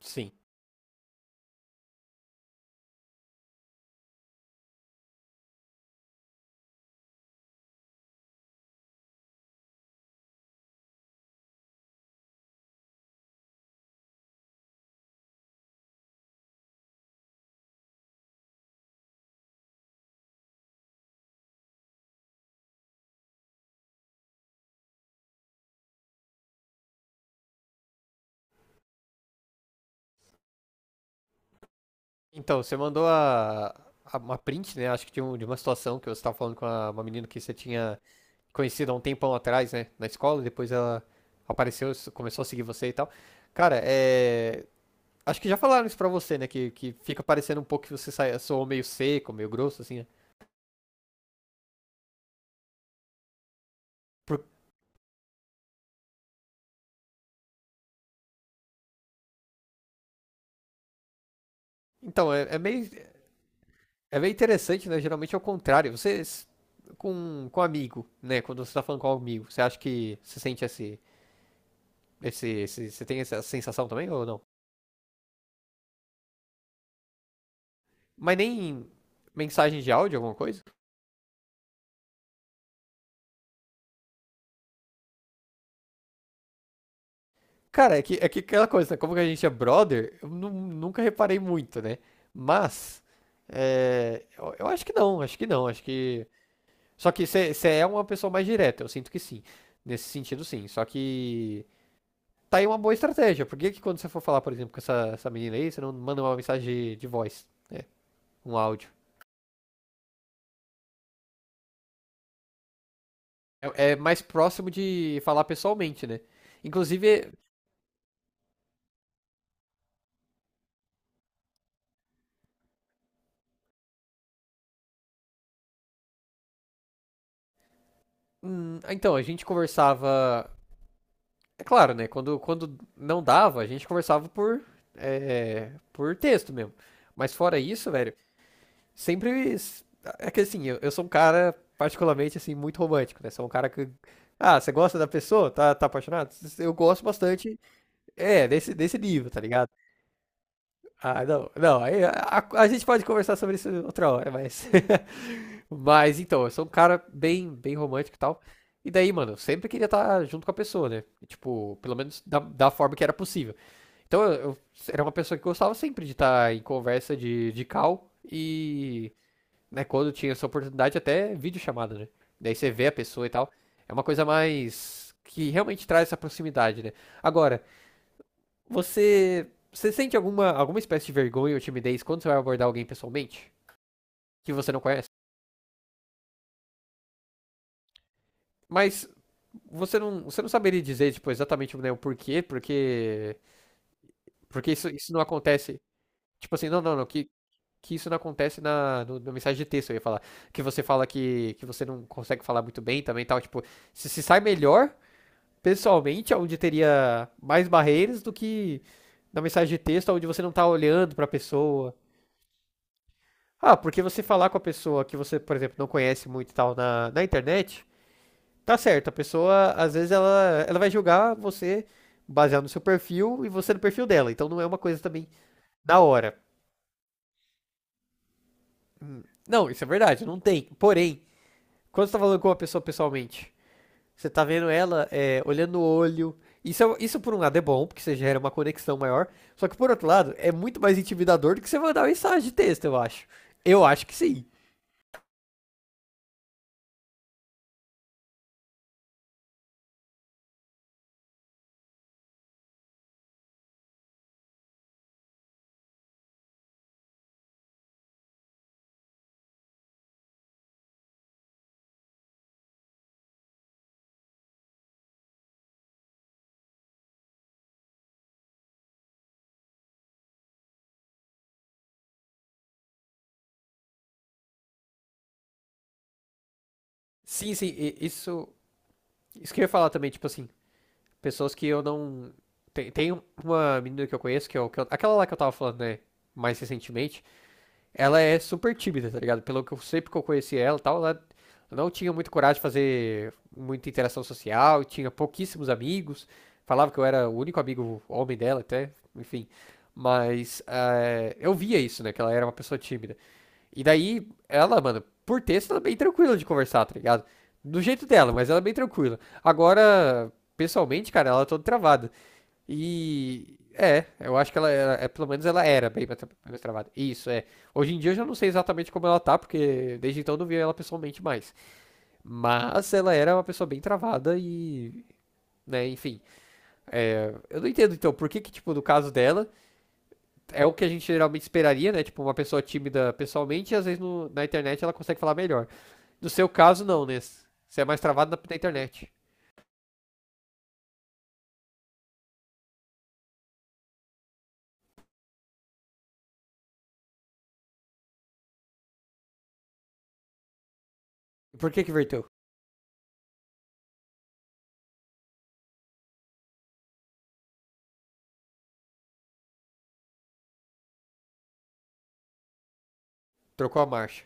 Sim. Então, você mandou uma print, né? Acho que de uma situação que você estava falando com uma menina que você tinha conhecido há um tempão atrás, né? Na escola, e depois ela apareceu, começou a seguir você e tal. Cara, é. Acho que já falaram isso pra você, né? Que fica parecendo um pouco que você soou meio seco, meio grosso, assim, né? Por- Então, é meio. É meio interessante, né? Geralmente é o contrário. Com um amigo, né? Quando você tá falando com um amigo, você acha que você sente esse, você tem essa sensação também ou não? Mas nem mensagem de áudio, alguma coisa? Cara, é que aquela coisa, né? Como que a gente é brother, eu nunca reparei muito, né? Mas, é, eu acho que não, acho que não, acho que... Só que você é uma pessoa mais direta, eu sinto que sim. Nesse sentido, sim. Só que tá aí uma boa estratégia. Por que que quando você for falar, por exemplo, com essa menina aí, você não manda uma mensagem de voz, né? Um áudio. É mais próximo de falar pessoalmente, né? Inclusive, então, a gente conversava. É claro, né? Quando não dava, a gente conversava por texto mesmo. Mas fora isso, velho, sempre. É que assim, eu sou um cara, particularmente, assim, muito romântico, né? Sou um cara que. Ah, você gosta da pessoa? Tá apaixonado? Eu gosto bastante, desse nível, tá ligado? Ah, não, não, aí a gente pode conversar sobre isso outra hora, mas. Mas então, eu sou um cara bem, bem romântico e tal. E daí, mano, eu sempre queria estar junto com a pessoa, né? Tipo, pelo menos da forma que era possível. Então eu era uma pessoa que gostava sempre de estar em conversa de call e, né, quando tinha essa oportunidade, até videochamada, né? Daí você vê a pessoa e tal. É uma coisa mais que realmente traz essa proximidade, né? Agora, você, você sente alguma espécie de vergonha ou timidez quando você vai abordar alguém pessoalmente que você não conhece? Mas você não saberia dizer, tipo, exatamente, né, o porquê, porque isso não acontece. Tipo assim, não, não, não, que isso não acontece na, no- na mensagem de texto, eu ia falar. Que você fala que você não consegue falar muito bem também e tal. Tipo, se sai melhor pessoalmente, onde teria mais barreiras do que na mensagem de texto, onde você não tá olhando pra pessoa. Ah, porque você falar com a pessoa que você, por exemplo, não conhece muito e tal na internet, tá certo. A pessoa, às vezes, ela vai julgar você baseado no seu perfil e você no perfil dela. Então não é uma coisa também na hora. Não, isso é verdade, não tem. Porém, quando você tá falando com uma pessoa pessoalmente, você tá vendo olhando o olho. Isso, isso por um lado é bom, porque você gera uma conexão maior. Só que por outro lado, é muito mais intimidador do que você mandar mensagem de texto, eu acho. Eu acho que sim. Sim, sim, isso. Isso que eu ia falar também, tipo assim, pessoas que eu não. Tem uma menina que eu conheço, aquela lá que eu tava falando, né? Mais recentemente ela é super tímida, tá ligado? Pelo que eu sempre que eu conheci ela e tal, ela não tinha muito coragem de fazer muita interação social, tinha pouquíssimos amigos, falava que eu era o único amigo homem dela até, enfim. Mas eu via isso, né? Que ela era uma pessoa tímida. E daí, ela, mano, por texto, ela é bem tranquila de conversar, tá ligado? Do jeito dela, mas ela é bem tranquila. Agora, pessoalmente, cara, ela é toda travada. E eu acho que ela era, pelo menos ela era bem mais, mais travada. Isso, é. Hoje em dia eu já não sei exatamente como ela tá, porque desde então eu não vi ela pessoalmente mais. Mas ela era uma pessoa bem travada e, né, enfim. É, eu não entendo então por que que, tipo, no caso dela, é o que a gente geralmente esperaria, né? Tipo, uma pessoa tímida pessoalmente e às vezes na internet ela consegue falar melhor. No seu caso, não, né? Você é mais travado na internet. E por que que inverteu? Trocou a marcha.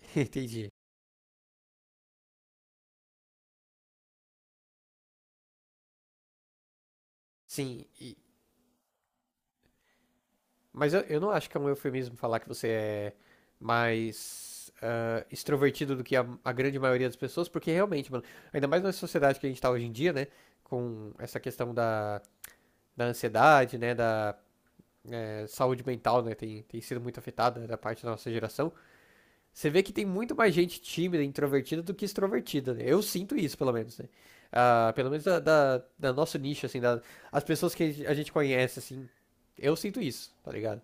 Entendi. Sim, mas eu não acho que é um eufemismo falar que você é mais extrovertido do que a grande maioria das pessoas, porque realmente, mano, ainda mais na sociedade que a gente tá hoje em dia, né? Com essa questão da ansiedade, né? Da saúde mental, né? Tem sido muito afetada da parte da nossa geração. Você vê que tem muito mais gente tímida, introvertida do que extrovertida, né? Eu sinto isso, pelo menos, né? Ah, pelo menos da nosso nicho, assim, da, as pessoas que a gente conhece, assim, eu sinto isso, tá ligado?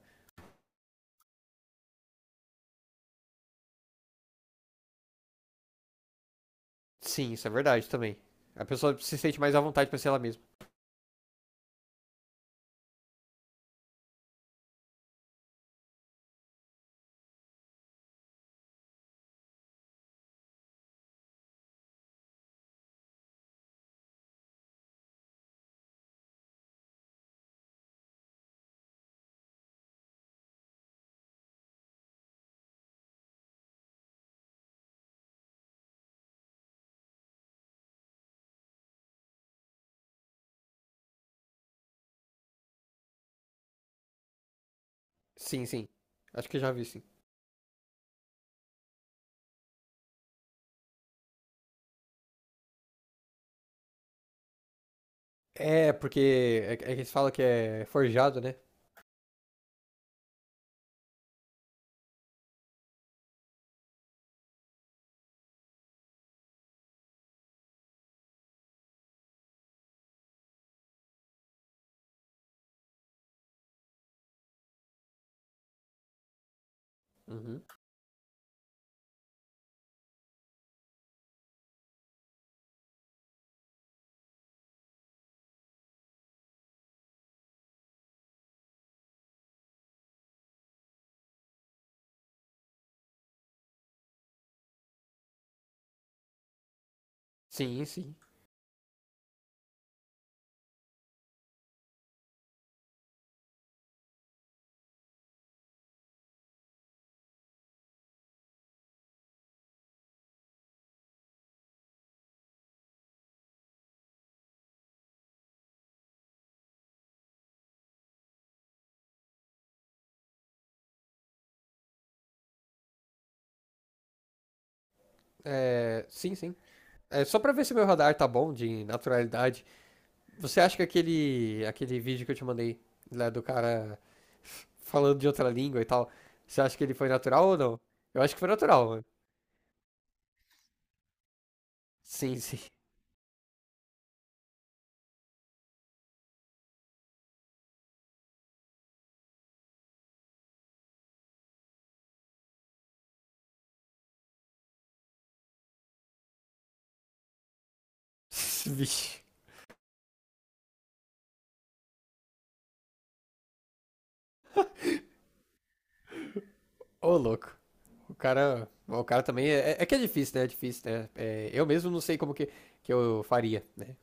Sim, isso é verdade também. A pessoa se sente mais à vontade pra ser ela mesma. Sim, sim. Acho que já vi, sim. É, porque é que eles falam que é forjado, né? Uhum. Sim, sim. É, sim, sim. É, só pra ver se meu radar tá bom de naturalidade. Você acha que aquele vídeo que eu te mandei, lá do cara falando de outra língua e tal, você acha que ele foi natural ou não? Eu acho que foi natural, mano. Sim, sim. Vixe. Ô, louco. O cara também é que é difícil, né? É difícil, né? É, eu mesmo não sei como que eu faria, né?